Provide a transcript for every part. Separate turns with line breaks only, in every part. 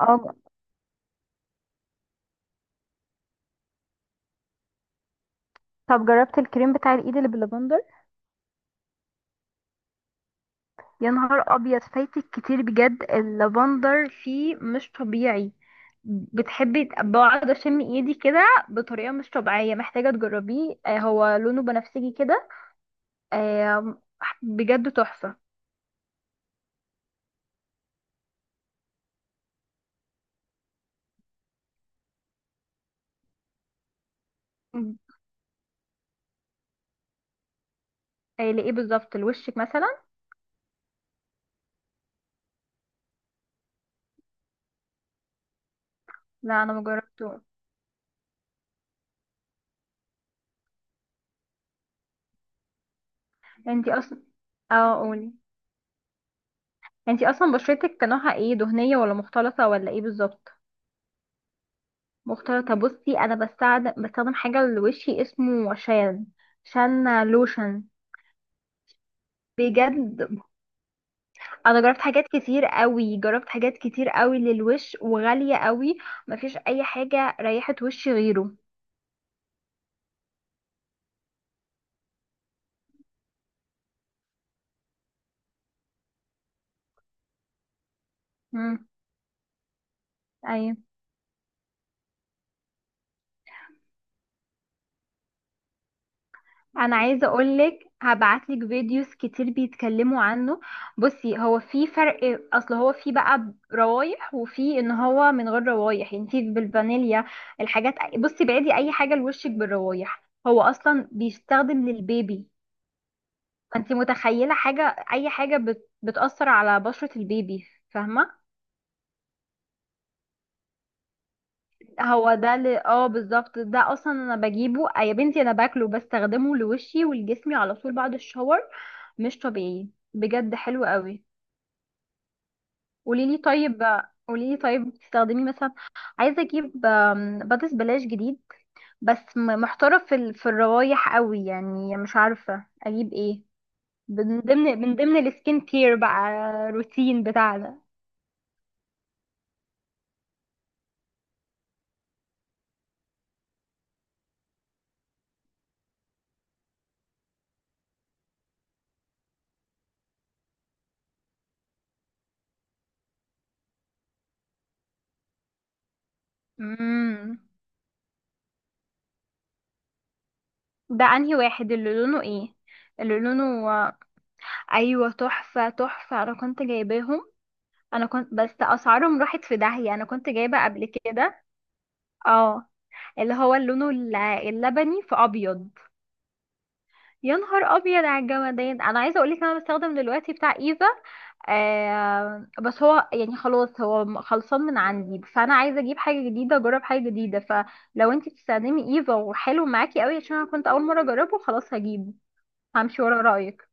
اه، طب جربت الكريم بتاع الايد اللي باللافندر. يا نهار ابيض، فايتك كتير! بجد اللافندر فيه مش طبيعي. بقعد اشم ايدي كده بطريقه مش طبيعيه، محتاجه تجربيه. هو لونه بنفسجي كده. آه، بجد تحفه. م. لايه بالظبط لوشك مثلا؟ لا انا ما جربته. انتي اصلا، اه قولي. انتي اصلا بشرتك نوعها ايه، دهنيه ولا مختلطه ولا ايه بالظبط؟ مختلطة. بصي أنا بستخدم حاجة لوشي اسمه شان، شان لوشن. بجد أنا جربت حاجات كتير قوي، جربت حاجات كتير قوي للوش وغالية قوي. مفيش أي حاجة ريحت وشي غيره. مم. أيوه، انا عايزه اقولك هبعتلك فيديوز كتير بيتكلموا عنه. بصي هو في فرق، اصل هو في بقى روايح وفي ان هو من غير روايح، يعني في بالفانيليا. الحاجات بصي، بعدي اي حاجه لوشك بالروايح، هو اصلا بيستخدم للبيبي. فانت متخيله حاجه، اي حاجه بتاثر على بشره البيبي، فاهمه؟ هو ده اللي اه بالظبط، ده اصلا انا بجيبه. يا بنتي انا باكله، بستخدمه لوشي ولجسمي على طول بعد الشاور. مش طبيعي، بجد حلو قوي. قولي لي طيب، قولي لي طيب بتستخدمي مثلا؟ عايزه اجيب بادس بلاش جديد، بس محتاره في الروايح قوي، يعني مش عارفه اجيب ايه. من ضمن السكين كير بقى، روتين بتاعنا. امم، ده انهي واحد، اللي لونه ايه؟ اللي لونه، ايوه تحفه تحفه، انا كنت جايباهم. انا كنت بس اسعارهم راحت في داهيه، انا كنت جايبه قبل كده. اه، اللي هو لونه اللبني في ابيض. يا نهار ابيض على الجمدان! انا عايزه اقول لك انا بستخدم دلوقتي بتاع ايفا، بس هو يعني خلاص هو خلصان من عندي، فانا عايزه اجيب حاجه جديده، اجرب حاجه جديده، فلو انت بتستخدمي ايفا وحلو معاكي قوي، عشان انا كنت اول مره اجربه، خلاص هجيبه. همشي ورا رايك.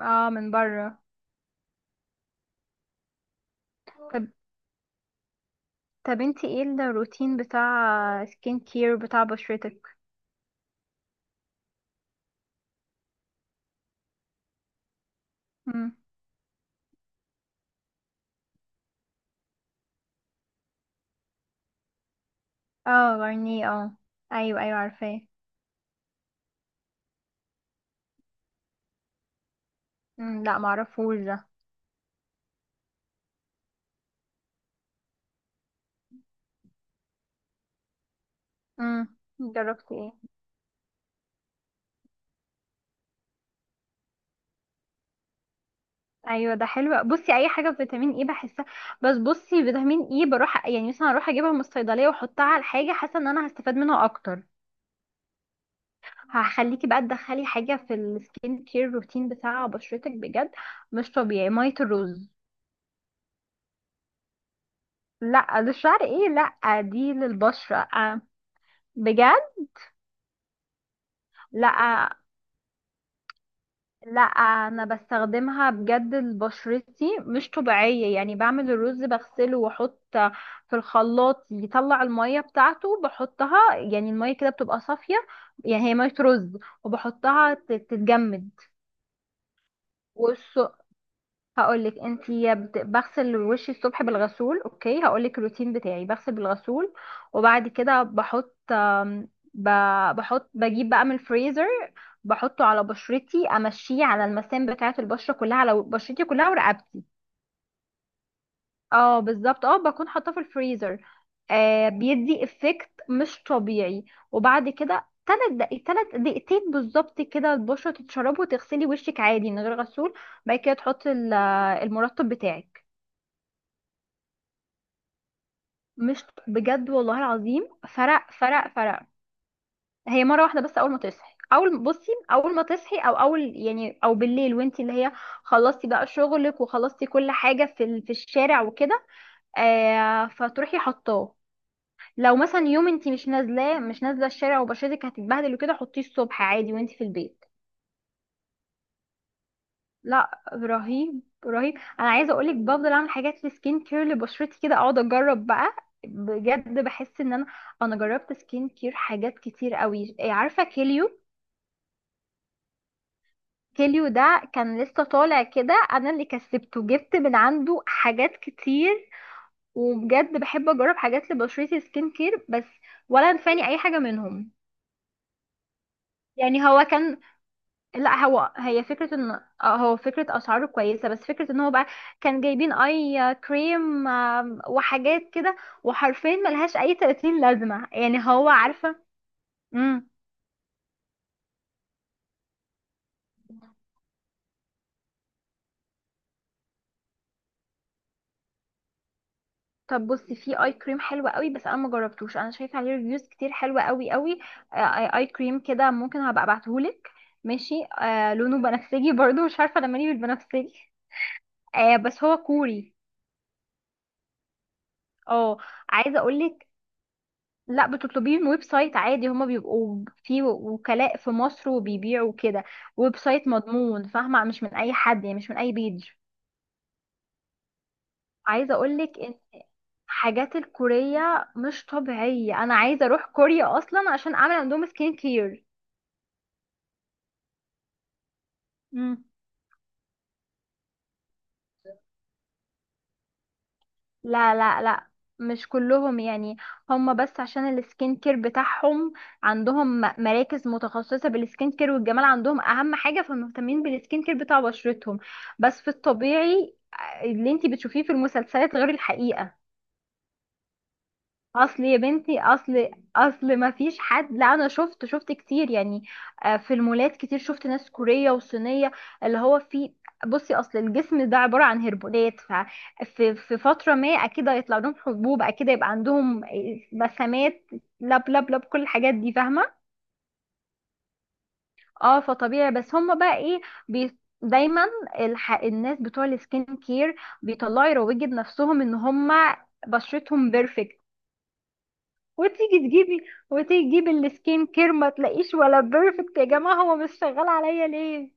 اه، من بره. طب، طب انت ايه الروتين بتاع سكين كير بتاع بشرتك؟ مم. اه غرنيه اه. ايوه ايوه عارفاه. مم، لا معرفوش ده. مم. جربتي ايه؟ ايوه ده حلو. بصي اي حاجه بفيتامين اي بحسها، بس بصي فيتامين اي بروح يعني مثلا اروح اجيبها من الصيدليه واحطها على الحاجه، حاسه ان انا هستفاد منها اكتر. هخليكي بقى تدخلي حاجه في السكين كير روتين بتاع بشرتك، بجد مش طبيعي، ميه الرز. لا للشعر ايه، لا دي للبشره. بجد. لا لا انا بستخدمها بجد لبشرتي، مش طبيعية. يعني بعمل الرز، بغسله واحط في الخلاط، يطلع المية بتاعته، بحطها، يعني المية كده بتبقى صافية، يعني هي مية رز، وبحطها تتجمد. هقولك انت بغسل وشي الصبح بالغسول، اوكي، هقولك الروتين بتاعي، بغسل بالغسول وبعد كده بحط بجيب بقى من الفريزر، بحطه على بشرتي، امشيه على المسام بتاعه البشره كلها، على بشرتي كلها ورقبتي. اه بالظبط، اه بكون حاطاه في الفريزر. آه بيدي افكت مش طبيعي. وبعد كده تلات دقايق، تلات دقيقتين بالظبط كده، البشرة تتشرب، وتغسلي وشك عادي من غير غسول، بعد كده تحطي المرطب بتاعك. مش بجد، والله العظيم فرق فرق فرق. هي مره واحده بس، اول ما تصحي، اول بصي، اول ما تصحي او اول يعني، او بالليل وانت اللي هي خلصتي بقى شغلك وخلصتي كل حاجه في الشارع وكده، آه فتروحي حطاه. لو مثلا يوم انت مش نازلاه، مش نازله الشارع، وبشرتك هتتبهدل وكده، حطيه الصبح عادي وانت في البيت. لا رهيب رهيب. انا عايزه اقولك، بفضل اعمل حاجات لسكين كير لبشرتي كده، اقعد اجرب بقى، بجد بحس ان انا، انا جربت سكين كير حاجات كتير قوي. عارفه كيليو؟ كيليو ده كان لسه طالع كده، انا اللي كسبته جبت من عنده حاجات كتير. وبجد بحب اجرب حاجات لبشرتي سكين كير بس، ولا نفاني اي حاجه منهم. يعني هو كان، لا هو هي فكرة ان، هو فكرة اسعاره كويسة، بس فكرة ان هو بقى كان جايبين اي كريم وحاجات كده، وحرفيا ملهاش اي 30 لازمة، يعني هو عارفة. امم، طب بصي في اي كريم حلوة قوي بس انا ما جربتوش، انا شايفة عليه ريفيوز كتير حلوة قوي قوي. اي كريم كده ممكن هبقى ابعتهولك. ماشي، آه لونه بنفسجي برضو، مش عارفة لما ليه بالبنفسجي. آه بس هو كوري. اه، عايزة اقولك، لا بتطلبيه من ويب سايت عادي، هما بيبقوا في وكلاء في مصر وبيبيعوا كده. ويب سايت مضمون، فاهمة، مش من أي حد، يعني مش من أي بيج. عايزة أقولك إن حاجات الكورية مش طبيعية، أنا عايزة أروح كوريا أصلا عشان أعمل عندهم سكين كير. مم. لا لا لا، مش كلهم يعني. هم بس عشان السكين كير بتاعهم، عندهم مراكز متخصصة بالسكين كير والجمال، عندهم أهم حاجة، فمهتمين بالسكين كير بتاع بشرتهم. بس في الطبيعي، اللي انتي بتشوفيه في المسلسلات غير الحقيقة. اصل يا بنتي، اصل، اصل ما فيش حد، لا انا شفت، شفت كتير يعني، في المولات كتير شفت ناس كورية وصينية. اللي هو في، بصي اصل الجسم ده عبارة عن هرمونات، ففي في فترة ما اكيد هيطلع لهم حبوب، اكيد هيبقى عندهم مسامات، لب لب لب، كل الحاجات دي فاهمة. اه فطبيعي، بس هم بقى ايه، بي دايما، الناس بتوع السكين كير بيطلعوا يروجوا لنفسهم ان هم بشرتهم بيرفكت، وتيجي تجيبي السكين كير ما تلاقيش ولا بيرفكت، يا جماعة هو مش شغال عليا ليه؟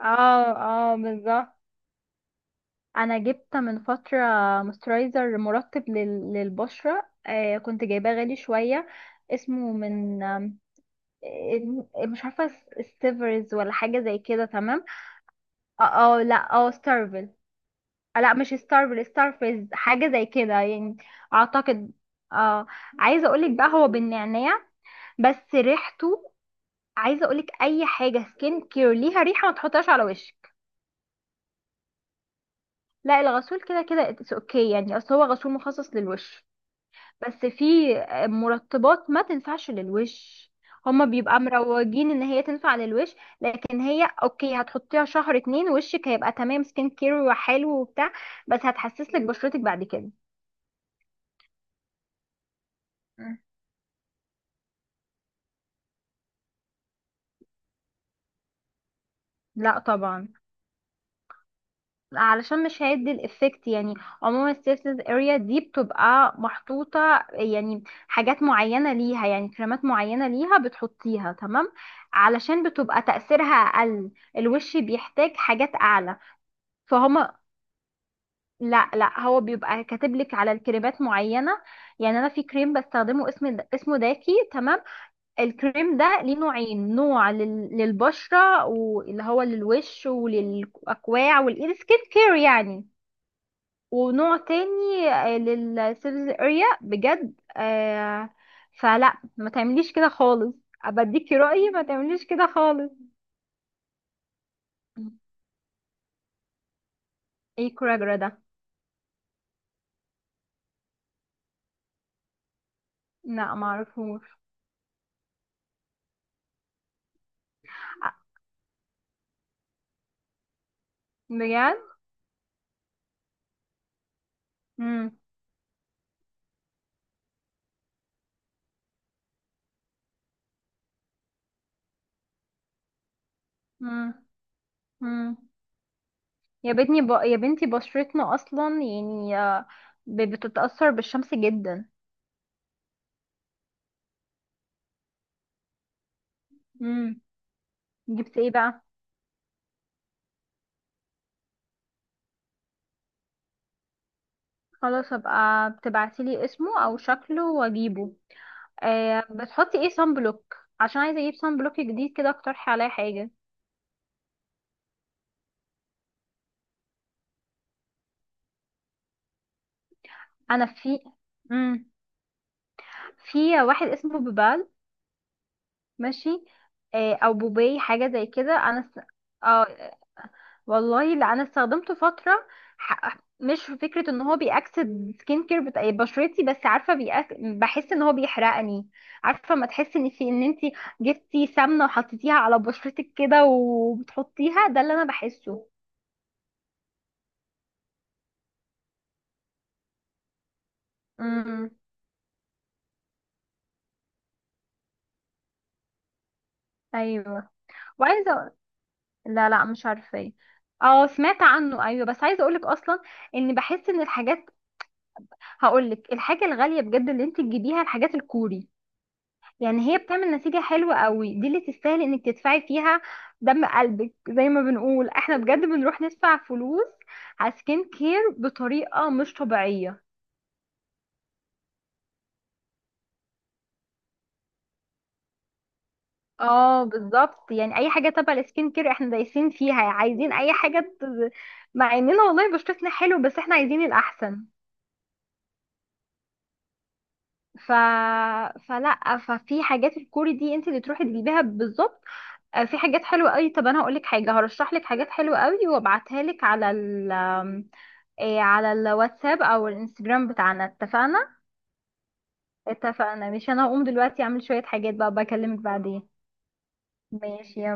اه، اه بالظبط. انا جبت من فترة موسترايزر مرطب للبشرة، آه كنت جايباه غالي شوية، اسمه من مش عارفة ستيفرز ولا حاجة زي كده، تمام. اه لا اه ستارفل، لا مش ستارفل، ستارفيز حاجة زي كده يعني، اعتقد. اه، عايزة اقولك بقى، هو بالنعناع بس ريحته، عايزه اقولك اي حاجه سكين كير ليها ريحه ما تحطهاش على وشك. لا الغسول كده كده اتس اوكي يعني، اصل هو غسول مخصص للوش. بس في مرطبات ما تنفعش للوش، هما بيبقى مروجين ان هي تنفع للوش، لكن هي اوكي هتحطيها شهر اتنين، وشك هيبقى تمام سكين كير وحلو وبتاع، بس هتحسسلك بشرتك بعد كده. مم. لا طبعا، علشان مش هيدي الافكت يعني. عموما السيرفيس اريا دي بتبقى محطوطة يعني، حاجات معينة ليها، يعني كريمات معينة ليها بتحطيها تمام، علشان بتبقى تأثيرها أقل، الوش بيحتاج حاجات أعلى. فهما، لا لا هو بيبقى كاتب لك على الكريمات معينة، يعني أنا في كريم بستخدمه، اسمه داكي تمام. الكريم ده ليه نوعين، نوع للبشرة واللي هو للوش وللأكواع والإيد سكين كير يعني، ونوع تاني للسيرفيس اريا بجد آه. فلا ما تعمليش كده خالص، ابديكي رأيي ما تعمليش كده خالص. ايه كوراجرا ده؟ لا معرفوش. بجد. مم. مم. مم. يا بنتي يا بنتي بشرتنا اصلا يعني، بتتأثر بالشمس جدا. مم. جبت ايه بقى؟ خلاص ابقى بتبعتيلي اسمه او شكله واجيبه. آه بتحطي ايه صن بلوك، عشان عايزه اجيب صن بلوك جديد كده، اقترحي عليا حاجه. انا في، امم، في واحد اسمه بوبال، ماشي، آه او بوباي حاجه زي كده، والله لا انا استخدمته فتره، مش في فكره ان هو بيأكسد سكين كير بتاع بشرتي، بس عارفه بحس ان هو بيحرقني. عارفه، ما تحسي ان في ان انت جبتي سمنه وحطيتيها على بشرتك كده وبتحطيها، ده اللي انا بحسه. امم، ايوه وعايزه، لا لا مش عارفاه. اه سمعت عنه ايوه، بس عايزه اقولك اصلا، ان بحس ان الحاجات، هقولك الحاجه الغاليه بجد اللي انت تجيبيها الحاجات الكوري، يعني هي بتعمل نتيجه حلوه قوي، دي اللي تستاهل انك تدفعي فيها دم قلبك زي ما بنقول احنا، بجد بنروح ندفع فلوس على سكين كير بطريقه مش طبيعيه. اه بالظبط، يعني اي حاجه تبع السكين كير احنا دايسين فيها، عايزين اي حاجه مع اننا والله بشرتنا حلو بس احنا عايزين الاحسن. ف... فلا ففي حاجات الكوري دي انت اللي تروحي تجيبيها بالظبط. في حاجات حلوه قوي، طب انا هقول لك حاجه، هرشح لك حاجات حلوه قوي وابعتها لك على ال آم، على الواتساب او الانستجرام بتاعنا، اتفقنا؟ اتفقنا، مش انا هقوم دلوقتي اعمل شويه حاجات بقى، بكلمك بعدين. ماشي.